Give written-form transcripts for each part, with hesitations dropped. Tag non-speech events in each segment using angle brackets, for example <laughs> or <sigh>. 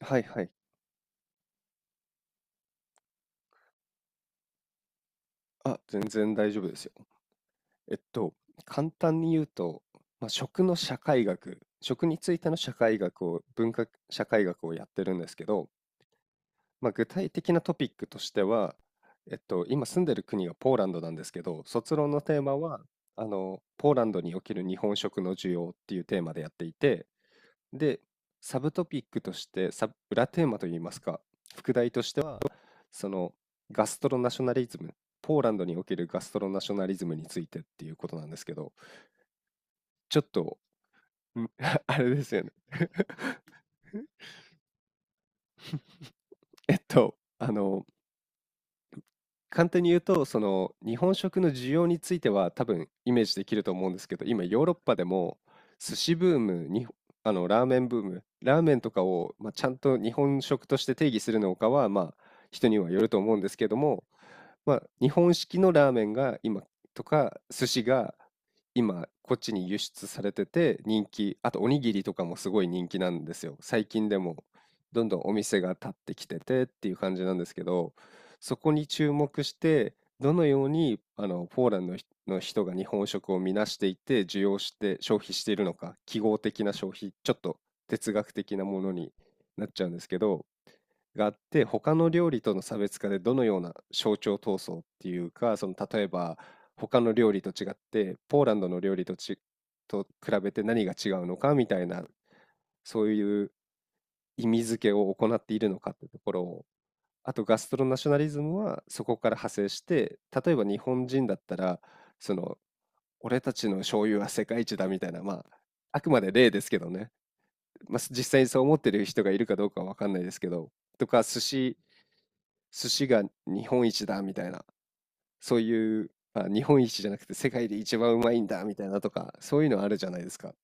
はいはい。あ、全然大丈夫ですよ。えっと、簡単に言うと、まあ、食の社会学、食についての社会学を、文化社会学をやってるんですけど、まあ、具体的なトピックとしては、今住んでる国がポーランドなんですけど、卒論のテーマは、あの、ポーランドにおける日本食の需要っていうテーマでやっていて、で、サブトピックとして、裏テーマといいますか、副題としてそのガストロナショナリズム、ポーランドにおけるガストロナショナリズムについてっていうことなんですけど、ちょっと、ん <laughs> あれですよね。えっと、あの、簡単に言うと、その日本食の需要については多分イメージできると思うんですけど、今ヨーロッパでも寿司ブーム、にあのラーメンブーム、ラーメンとかを、まあ、ちゃんと日本食として定義するのかは、まあ、人にはよると思うんですけども、まあ、日本式のラーメンが今とか寿司が今こっちに輸出されてて人気、あとおにぎりとかもすごい人気なんですよ。最近でもどんどんお店が立ってきててっていう感じなんですけど、そこに注目して、どのようにあのポーランドの人が日本食を見なしていて、需要して消費しているのか、記号的な消費、ちょっと哲学的なものになっちゃうんですけど、があって、他の料理との差別化でどのような象徴闘争っていうか、その例えば他の料理と違って、ポーランドの料理とち、と比べて何が違うのかみたいな、そういう意味付けを行っているのかってところをあとガストロナショナリズムはそこから派生して、例えば日本人だったら、その、俺たちの醤油は世界一だみたいな、まあ、あくまで例ですけどね、まあ、実際にそう思ってる人がいるかどうかは分かんないですけど、とか、寿司が日本一だみたいな、そういう、あ、日本一じゃなくて世界で一番うまいんだみたいなとか、そういうのあるじゃないですか。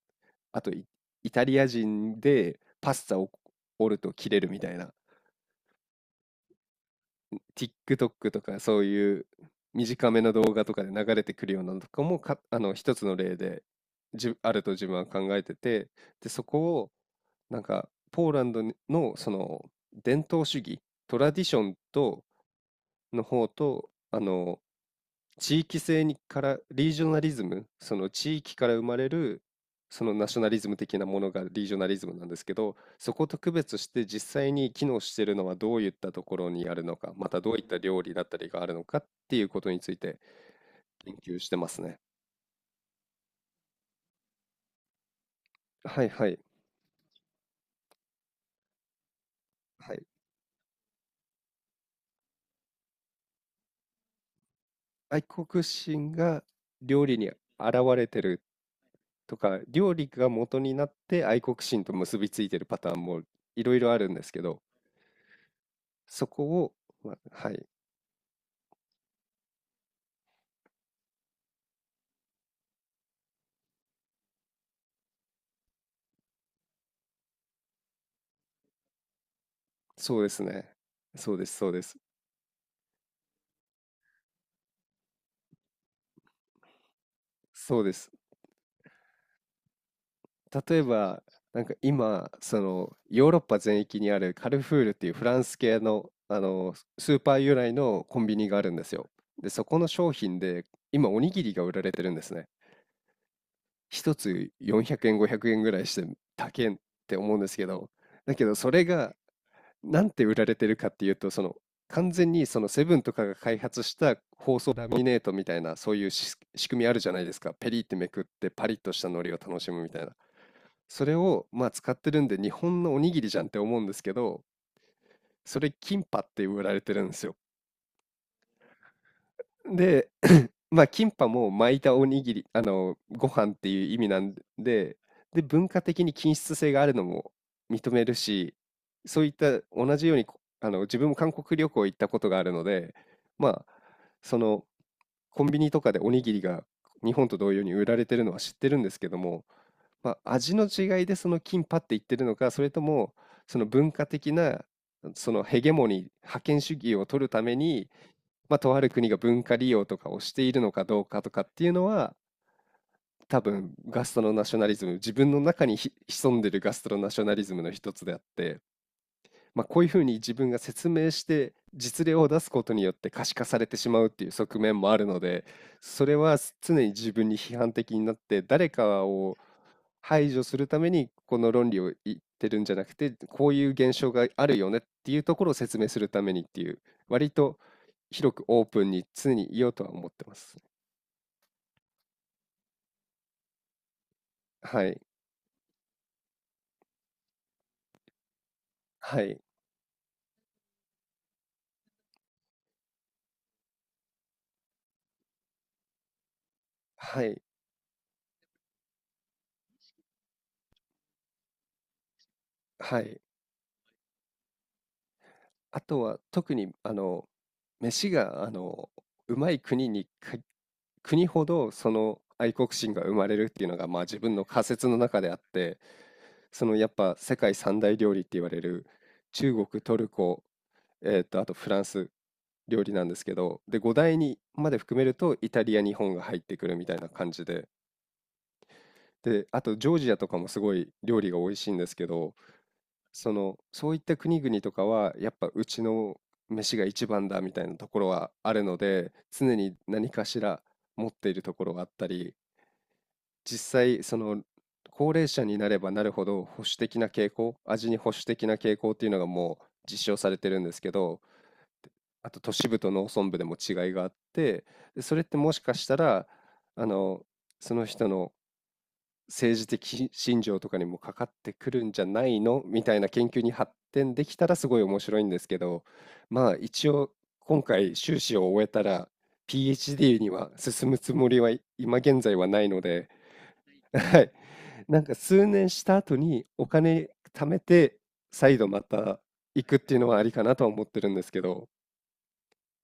あとイタリア人でパスタを折ると切れるみたいな。TikTok とかそういう短めの動画とかで流れてくるようなのとかもか、あの、一つの例で、あると自分は考えてて、で、そこを、なんか、ポーランドの、その、伝統主義、トラディションと、の方と、あの、地域性にから、リージョナリズム、その地域から生まれる、そのナショナリズム的なものがリージョナリズムなんですけど、そこと区別して実際に機能しているのはどういったところにあるのか、またどういった料理だったりがあるのかっていうことについて研究してますね。はいはい。はい。愛国心が料理に現れてるとか、料理が元になって愛国心と結びついてるパターンもいろいろあるんですけど、そこを、まあはい。そうですね。そうです。そうです。例えば、なんか今、そのヨーロッパ全域にあるカルフールっていうフランス系の、あのスーパー由来のコンビニがあるんですよ。で、そこの商品で今おにぎりが売られてるんですね。一つ400円、500円ぐらいして高えって思うんですけど、だけどそれがなんて売られてるかっていうと、その完全にそのセブンとかが開発した包装ラミネートみたいな、そういう仕組みあるじゃないですか。ペリってめくってパリッとした海苔を楽しむみたいな。それをまあ使ってるんで日本のおにぎりじゃんって思うんですけど、それキンパって売られてるんですよ。で、<coughs> <clears throat> まあ、キンパも巻いたおにぎり、あの、ご飯っていう意味なんで、で、文化的に均質性があるのも認めるし、そういった同じように、あの、自分も韓国旅行行ったことがあるので、まあ、その、コンビニとかでおにぎりが日本と同様に売られてるのは知ってるんですけども、まあ、味の違いでそのキンパって言ってるのか、それともその文化的なそのヘゲモニー、覇権主義を取るために、まあ、とある国が文化利用とかをしているのかどうかとかっていうのは、多分ガストロナショナリズム、自分の中に潜んでるガストロナショナリズムの一つであって、まあ、こういうふうに自分が説明して実例を出すことによって可視化されてしまうっていう側面もあるので、それは常に自分に批判的になって誰かを排除するためにこの論理を言ってるんじゃなくて、こういう現象があるよねっていうところを説明するためにっていう、割と広くオープンに常に言おうとは思ってます。はい。はい。はい。はい。あとは特にあの飯があのうまい国にか国ほどその愛国心が生まれるっていうのがまあ自分の仮説の中であって、そのやっぱ世界三大料理って言われる中国トルコ、あとフランス料理なんですけど、で5大にまで含めるとイタリア日本が入ってくるみたいな感じで、であとジョージアとかもすごい料理が美味しいんですけど、その、そういった国々とかは、やっぱうちの飯が一番だみたいなところはあるので、常に何かしら持っているところがあったり、実際、その、高齢者になればなるほど保守的な傾向、味に保守的な傾向っていうのがもう実証されてるんですけど、あと都市部と農村部でも違いがあって、でそれってもしかしたら、あの、その人の政治的信条とかにもかかってくるんじゃないのみたいな研究に発展できたらすごい面白いんですけど、まあ一応今回修士を終えたら PhD には進むつもりはい今現在はないので、はい。なんか数年した後にお金貯めて再度また行くっていうのはありかなとは思ってるんですけど、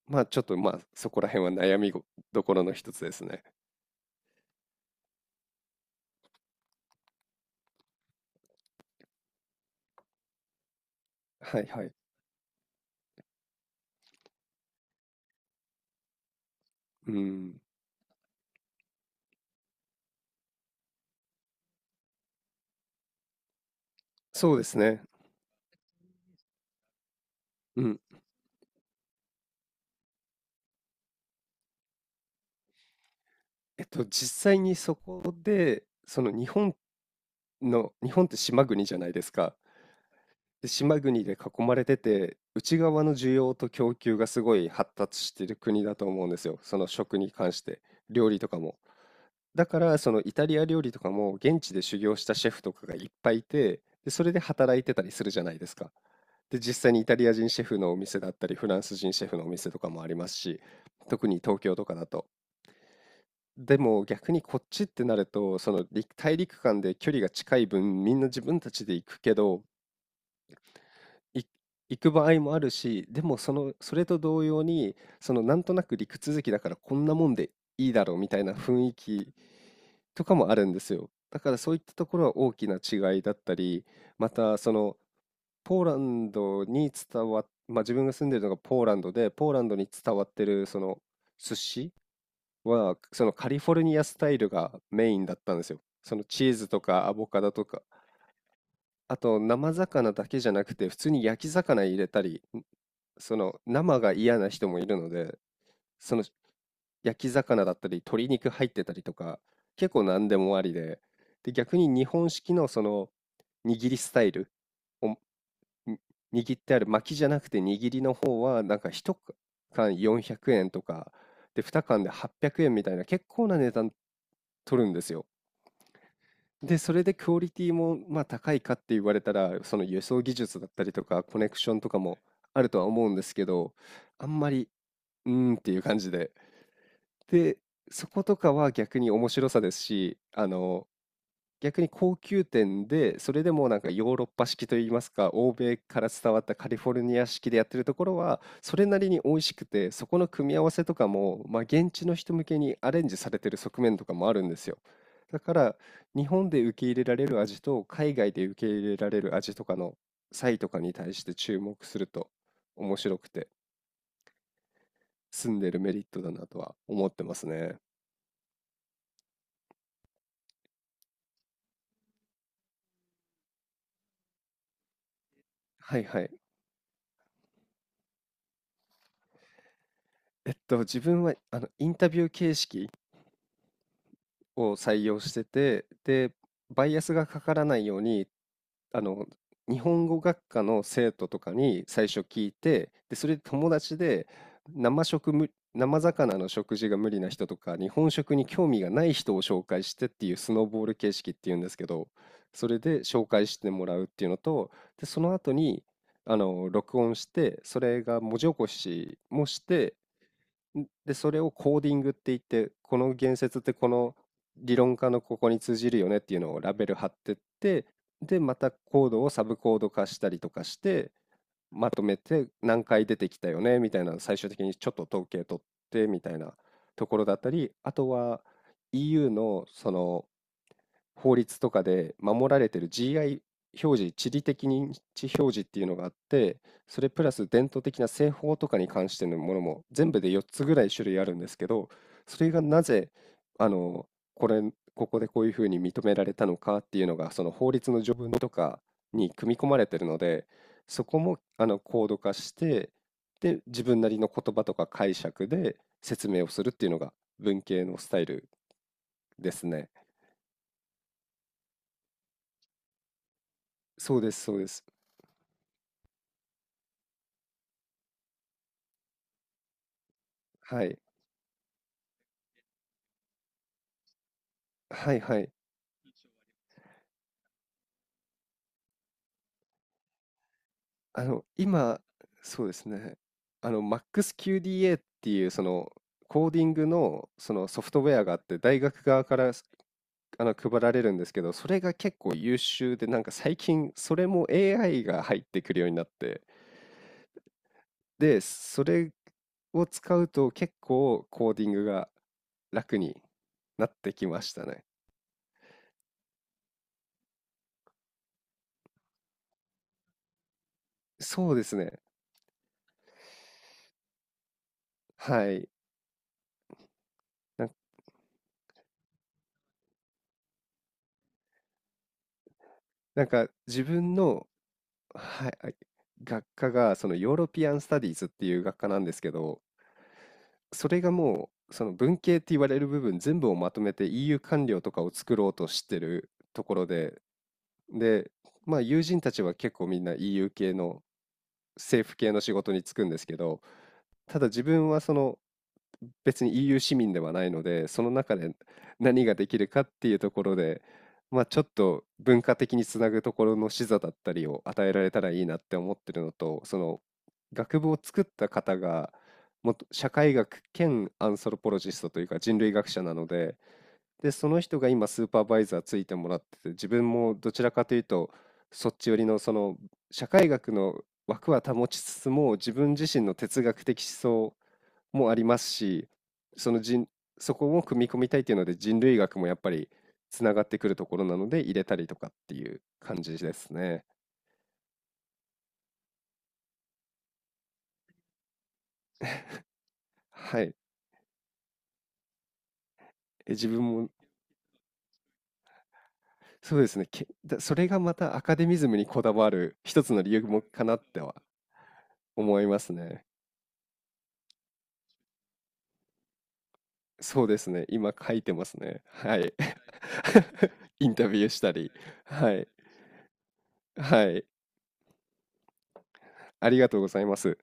まあちょっとまあそこら辺は悩みどころの一つですね。はいはい。うん。そうですね。うん。実際にそこで、その日本って島国じゃないですか。で、島国で囲まれてて、内側の需要と供給がすごい発達している国だと思うんですよ。その食に関して、料理とかも。だから、そのイタリア料理とかも現地で修行したシェフとかがいっぱいいて、で、それで働いてたりするじゃないですか。で、実際にイタリア人シェフのお店だったり、フランス人シェフのお店とかもありますし、特に東京とかだと。でも逆にこっちってなると、その陸大陸間で距離が近い分、みんな自分たちで行くけど、い行く場合もあるし、でもその、それと同様に、そのなんとなく陸続きだからこんなもんでいいだろうみたいな雰囲気とかもあるんですよ。だからそういったところは大きな違いだったり、またその、ポーランドに伝わっ、まあ、自分が住んでるのがポーランドで、ポーランドに伝わってるその寿司は、そのカリフォルニアスタイルがメインだったんですよ。そのチーズとかアボカドとか、あと生魚だけじゃなくて、普通に焼き魚入れたり、その生が嫌な人もいるので、その焼き魚だったり、鶏肉入ってたりとか、結構何でもありで、で、逆に日本式のその握りスタイルをに握ってある巻きじゃなくて握りの方はなんか1缶400円とかで2缶で800円みたいな結構な値段取るんですよ。でそれでクオリティもまあ高いかって言われたら、その輸送技術だったりとかコネクションとかもあるとは思うんですけど、あんまりうーんっていう感じでで、そことかは逆に面白さですし、あの逆に高級店で、それでもなんかヨーロッパ式といいますか、欧米から伝わったカリフォルニア式でやってるところは、それなりに美味しくて、そこの組み合わせとかも、まあ、現地の人向けにアレンジされてる側面とかもあるんですよ。だから、日本で受け入れられる味と、海外で受け入れられる味とかの差異とかに対して注目すると、面白くて、住んでるメリットだなとは思ってますね。はいはい。自分はあのインタビュー形式を採用してて、で、バイアスがかからないように、あの、日本語学科の生徒とかに最初聞いて、で、それで友達で生魚の食事が無理な人とか、日本食に興味がない人を紹介してっていうスノーボール形式っていうんですけど、それで紹介してもらうっていうのと、で、その後に、録音して、それが文字起こしもして、で、それをコーディングって言って、この言説ってこの理論家のここに通じるよねっていうのをラベル貼ってって、で、またコードをサブコード化したりとかして、まとめて何回出てきたよねみたいなのを最終的にちょっと統計取ってみたいなところだったり、あとは EU のその法律とかで守られてる GI 表示、地理的認知表示っていうのがあって、それプラス伝統的な製法とかに関してのものも全部で4つぐらい種類あるんですけど、それがなぜ、あの、これ、ここでこういうふうに認められたのかっていうのが、その法律の条文とかに組み込まれてるので、そこもあのコード化して、で、自分なりの言葉とか解釈で説明をするっていうのが文系のスタイルですね。そうです、そうです。はい。はいはい。今、そうですね。あの、MaxQDA っていう、その、コーディングの、そのソフトウェアがあって、大学側からすあの配られるんですけど、それが結構優秀で、なんか最近、それも AI が入ってくるようになって、で、それを使うと結構コーディングが楽になってきましたね。そうですね。はい。なんなんか自分のはい、あ学科がそのヨーロピアン・スタディーズっていう学科なんですけど、それがもうその文系って言われる部分全部をまとめて EU 官僚とかを作ろうとしてるところで、で、まあ友人たちは結構みんな EU 系の政府系の仕事に就くんですけど、ただ自分はその別に EU 市民ではないので、その中で何ができるかっていうところで、まあ、ちょっと文化的につなぐところの視座だったりを与えられたらいいなって思ってるのと、その学部を作った方がもっと社会学兼アンソロポロジストというか人類学者なので、で、その人が今スーパーバイザーついてもらってて、自分もどちらかというとそっち寄りのその社会学の枠は保ちつつも自分自身の哲学的思想もありますし、その人、そこも組み込みたいっていうので人類学もやっぱりつながってくるところなので入れたりとかっていう感じですね。はい。え、自分もそうですね。それがまたアカデミズムにこだわる一つの理由もかなっては思いますね。そうですね。今書いてますね。はい。<laughs> インタビューしたり。はい。はい。ありがとうございます。